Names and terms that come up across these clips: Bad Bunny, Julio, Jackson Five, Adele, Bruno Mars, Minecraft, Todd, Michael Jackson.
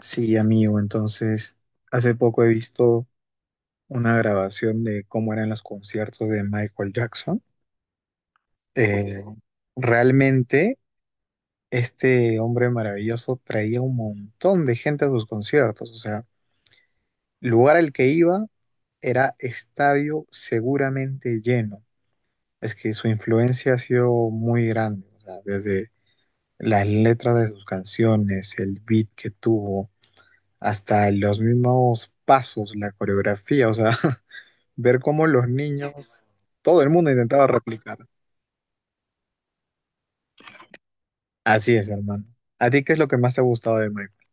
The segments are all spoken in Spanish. Sí, amigo, entonces hace poco he visto una grabación de cómo eran los conciertos de Michael Jackson. Eh, realmente este hombre maravilloso traía un montón de gente a sus conciertos, o sea, lugar al que iba era estadio seguramente lleno. Es que su influencia ha sido muy grande, o sea, desde las letras de sus canciones, el beat que tuvo, hasta los mismos pasos, la coreografía, o sea. Ver cómo los niños, todo el mundo intentaba replicar. Así es, hermano. ¿A ti qué es lo que más te ha gustado de Minecraft?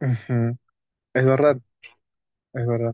Ujú. Es verdad, es verdad.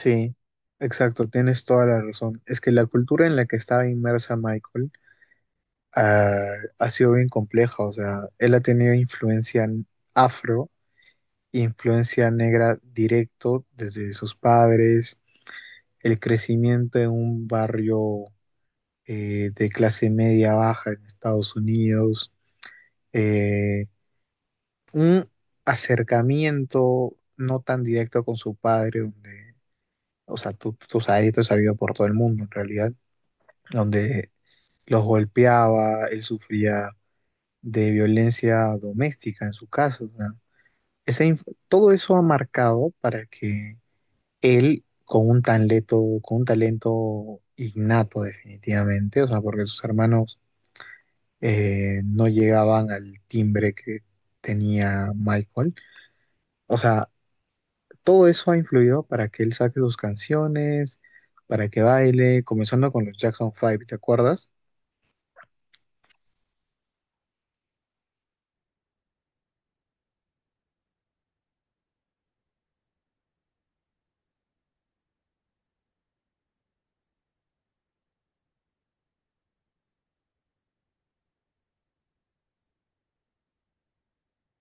Sí, exacto, tienes toda la razón. Es que la cultura en la que estaba inmersa Michael ah, ha sido bien compleja. O sea, él ha tenido influencia afro, influencia negra directo desde sus padres, el crecimiento en un barrio de clase media baja en Estados Unidos. Eh, un acercamiento no tan directo con su padre, donde, o sea, tú sabes, esto es sabido por todo el mundo en realidad, donde los golpeaba, él sufría de violencia doméstica en su caso. O sea, todo eso ha marcado para que él, con un talento innato definitivamente, o sea, porque sus hermanos no llegaban al timbre que tenía Michael. O sea, todo eso ha influido para que él saque sus canciones, para que baile, comenzando con los Jackson Five, ¿te acuerdas?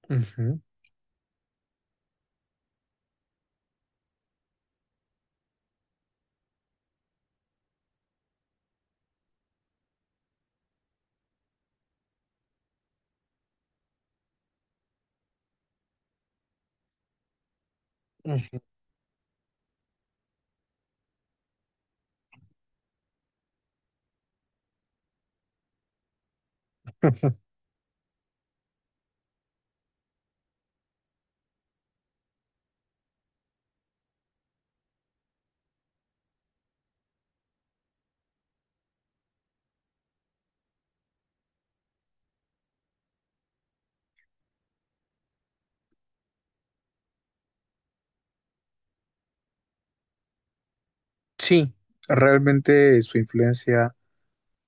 Ujú, ujú. Sí, realmente su influencia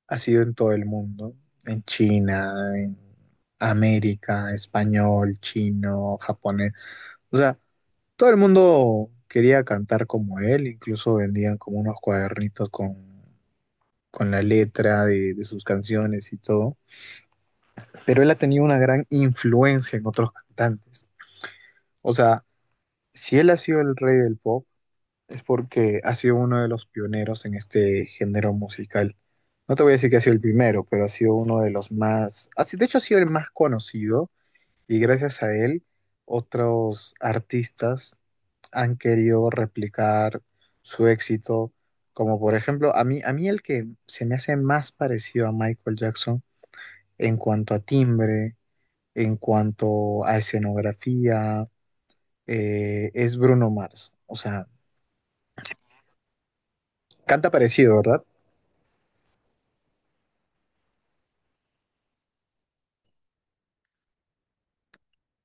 ha sido en todo el mundo, en China, en América, español, chino, japonés. O sea, todo el mundo quería cantar como él, incluso vendían como unos cuadernitos con la letra de sus canciones y todo. Pero él ha tenido una gran influencia en otros cantantes. O sea, si él ha sido el rey del pop, es porque ha sido uno de los pioneros en este género musical. No te voy a decir que ha sido el primero, pero ha sido uno de los más, ha si- de hecho ha sido el más conocido y gracias a él otros artistas han querido replicar su éxito, como por ejemplo, a mí el que se me hace más parecido a Michael Jackson en cuanto a timbre, en cuanto a escenografía, es Bruno Mars. O sea, canta parecido, ¿verdad?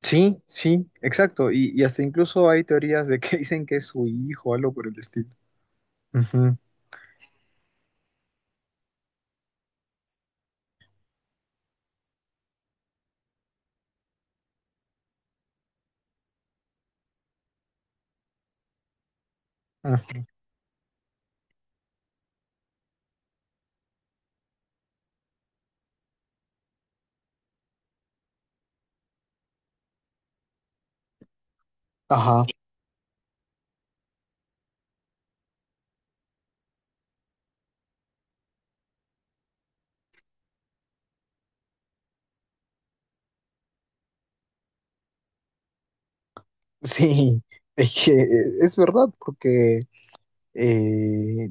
Sí, sí, exacto. Y hasta incluso hay teorías de que dicen que es su hijo, algo por el estilo. Ujú. Ah. Ajá. Sí, es que es verdad, porque eh,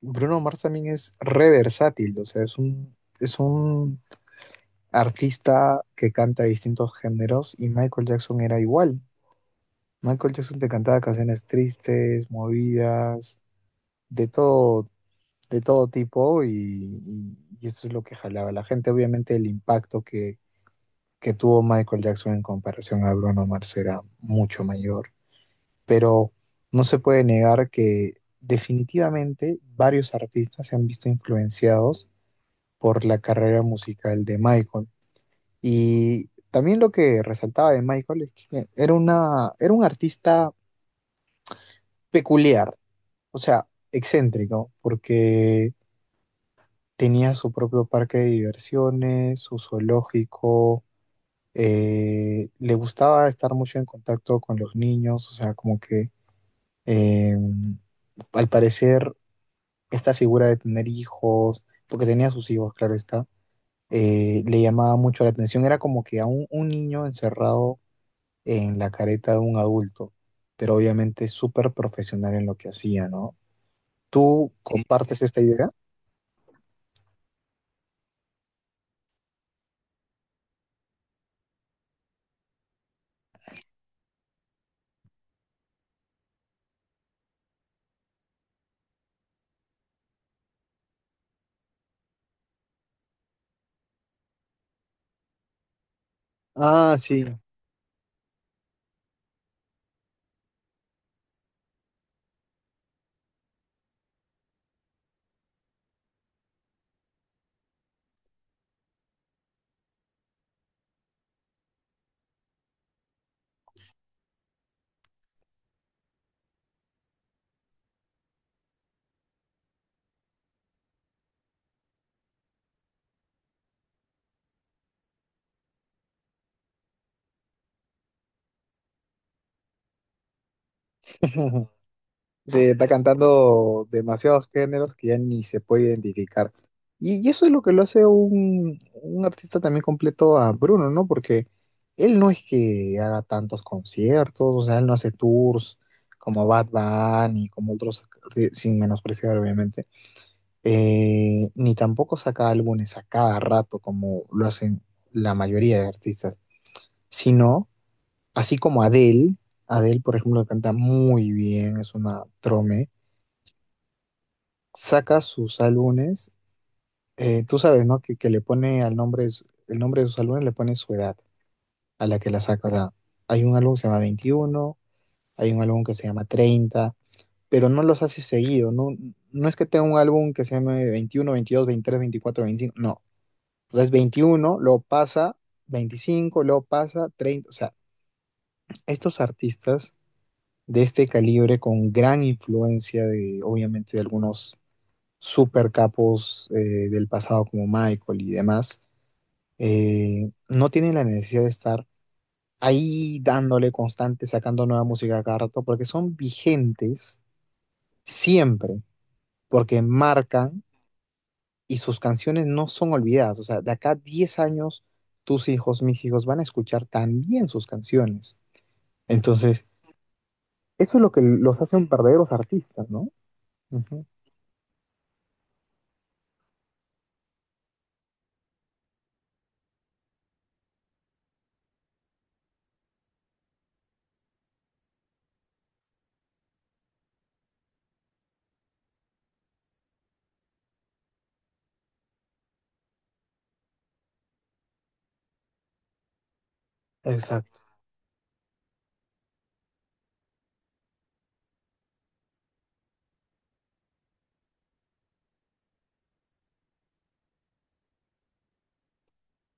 Bruno Mars también es re versátil, o sea, es un artista que canta distintos géneros y Michael Jackson era igual. Michael Jackson te cantaba canciones tristes, movidas, de todo, de todo tipo y eso es lo que jalaba a la gente. Obviamente el impacto que tuvo Michael Jackson en comparación a Bruno Mars era mucho mayor, pero no se puede negar que definitivamente varios artistas se han visto influenciados por la carrera musical de Michael. Y también lo que resaltaba de Michael es que era un artista peculiar, o sea, excéntrico, porque tenía su propio parque de diversiones, su zoológico, le gustaba estar mucho en contacto con los niños, o sea, como que eh, al parecer esta figura de tener hijos, porque tenía sus hijos, claro está, le llamaba mucho la atención, era como que un niño encerrado en la careta de un adulto, pero obviamente súper profesional en lo que hacía, ¿no? ¿Tú, sí, compartes esta idea? Ah, sí. Sí, está cantando demasiados géneros que ya ni se puede identificar. Y eso es lo que lo hace un artista también completo a Bruno, ¿no? Porque él no es que haga tantos conciertos, o sea, él no hace tours como Bad Bunny, como otros, sin menospreciar, obviamente. Ni tampoco saca álbumes a cada rato como lo hacen la mayoría de artistas, sino así como Adele. Adele, por ejemplo, canta muy bien, es una trome, saca sus álbumes. Tú sabes, ¿no? Que le pone al nombre, el nombre de sus álbumes le pone su edad a la que la saca. O sea, hay un álbum que se llama 21, hay un álbum que se llama 30, pero no los hace seguido, no, no es que tenga un álbum que se llame 21, 22, 23, 24, 25, no. O sea, es 21, luego pasa 25, luego pasa 30, o sea, estos artistas de este calibre con gran influencia de, obviamente, de algunos super capos del pasado como Michael y demás, no tienen la necesidad de estar ahí dándole constante, sacando nueva música cada rato, porque son vigentes siempre, porque marcan y sus canciones no son olvidadas. O sea, de acá a 10 años, tus hijos, mis hijos van a escuchar también sus canciones. Entonces, eso es lo que los hacen verdaderos artistas, ¿no? Ujú. Exacto.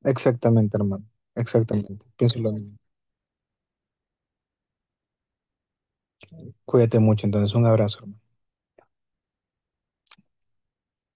Exactamente, hermano. Exactamente. Pienso lo mismo. Cuídate mucho, entonces. Un abrazo, hermano.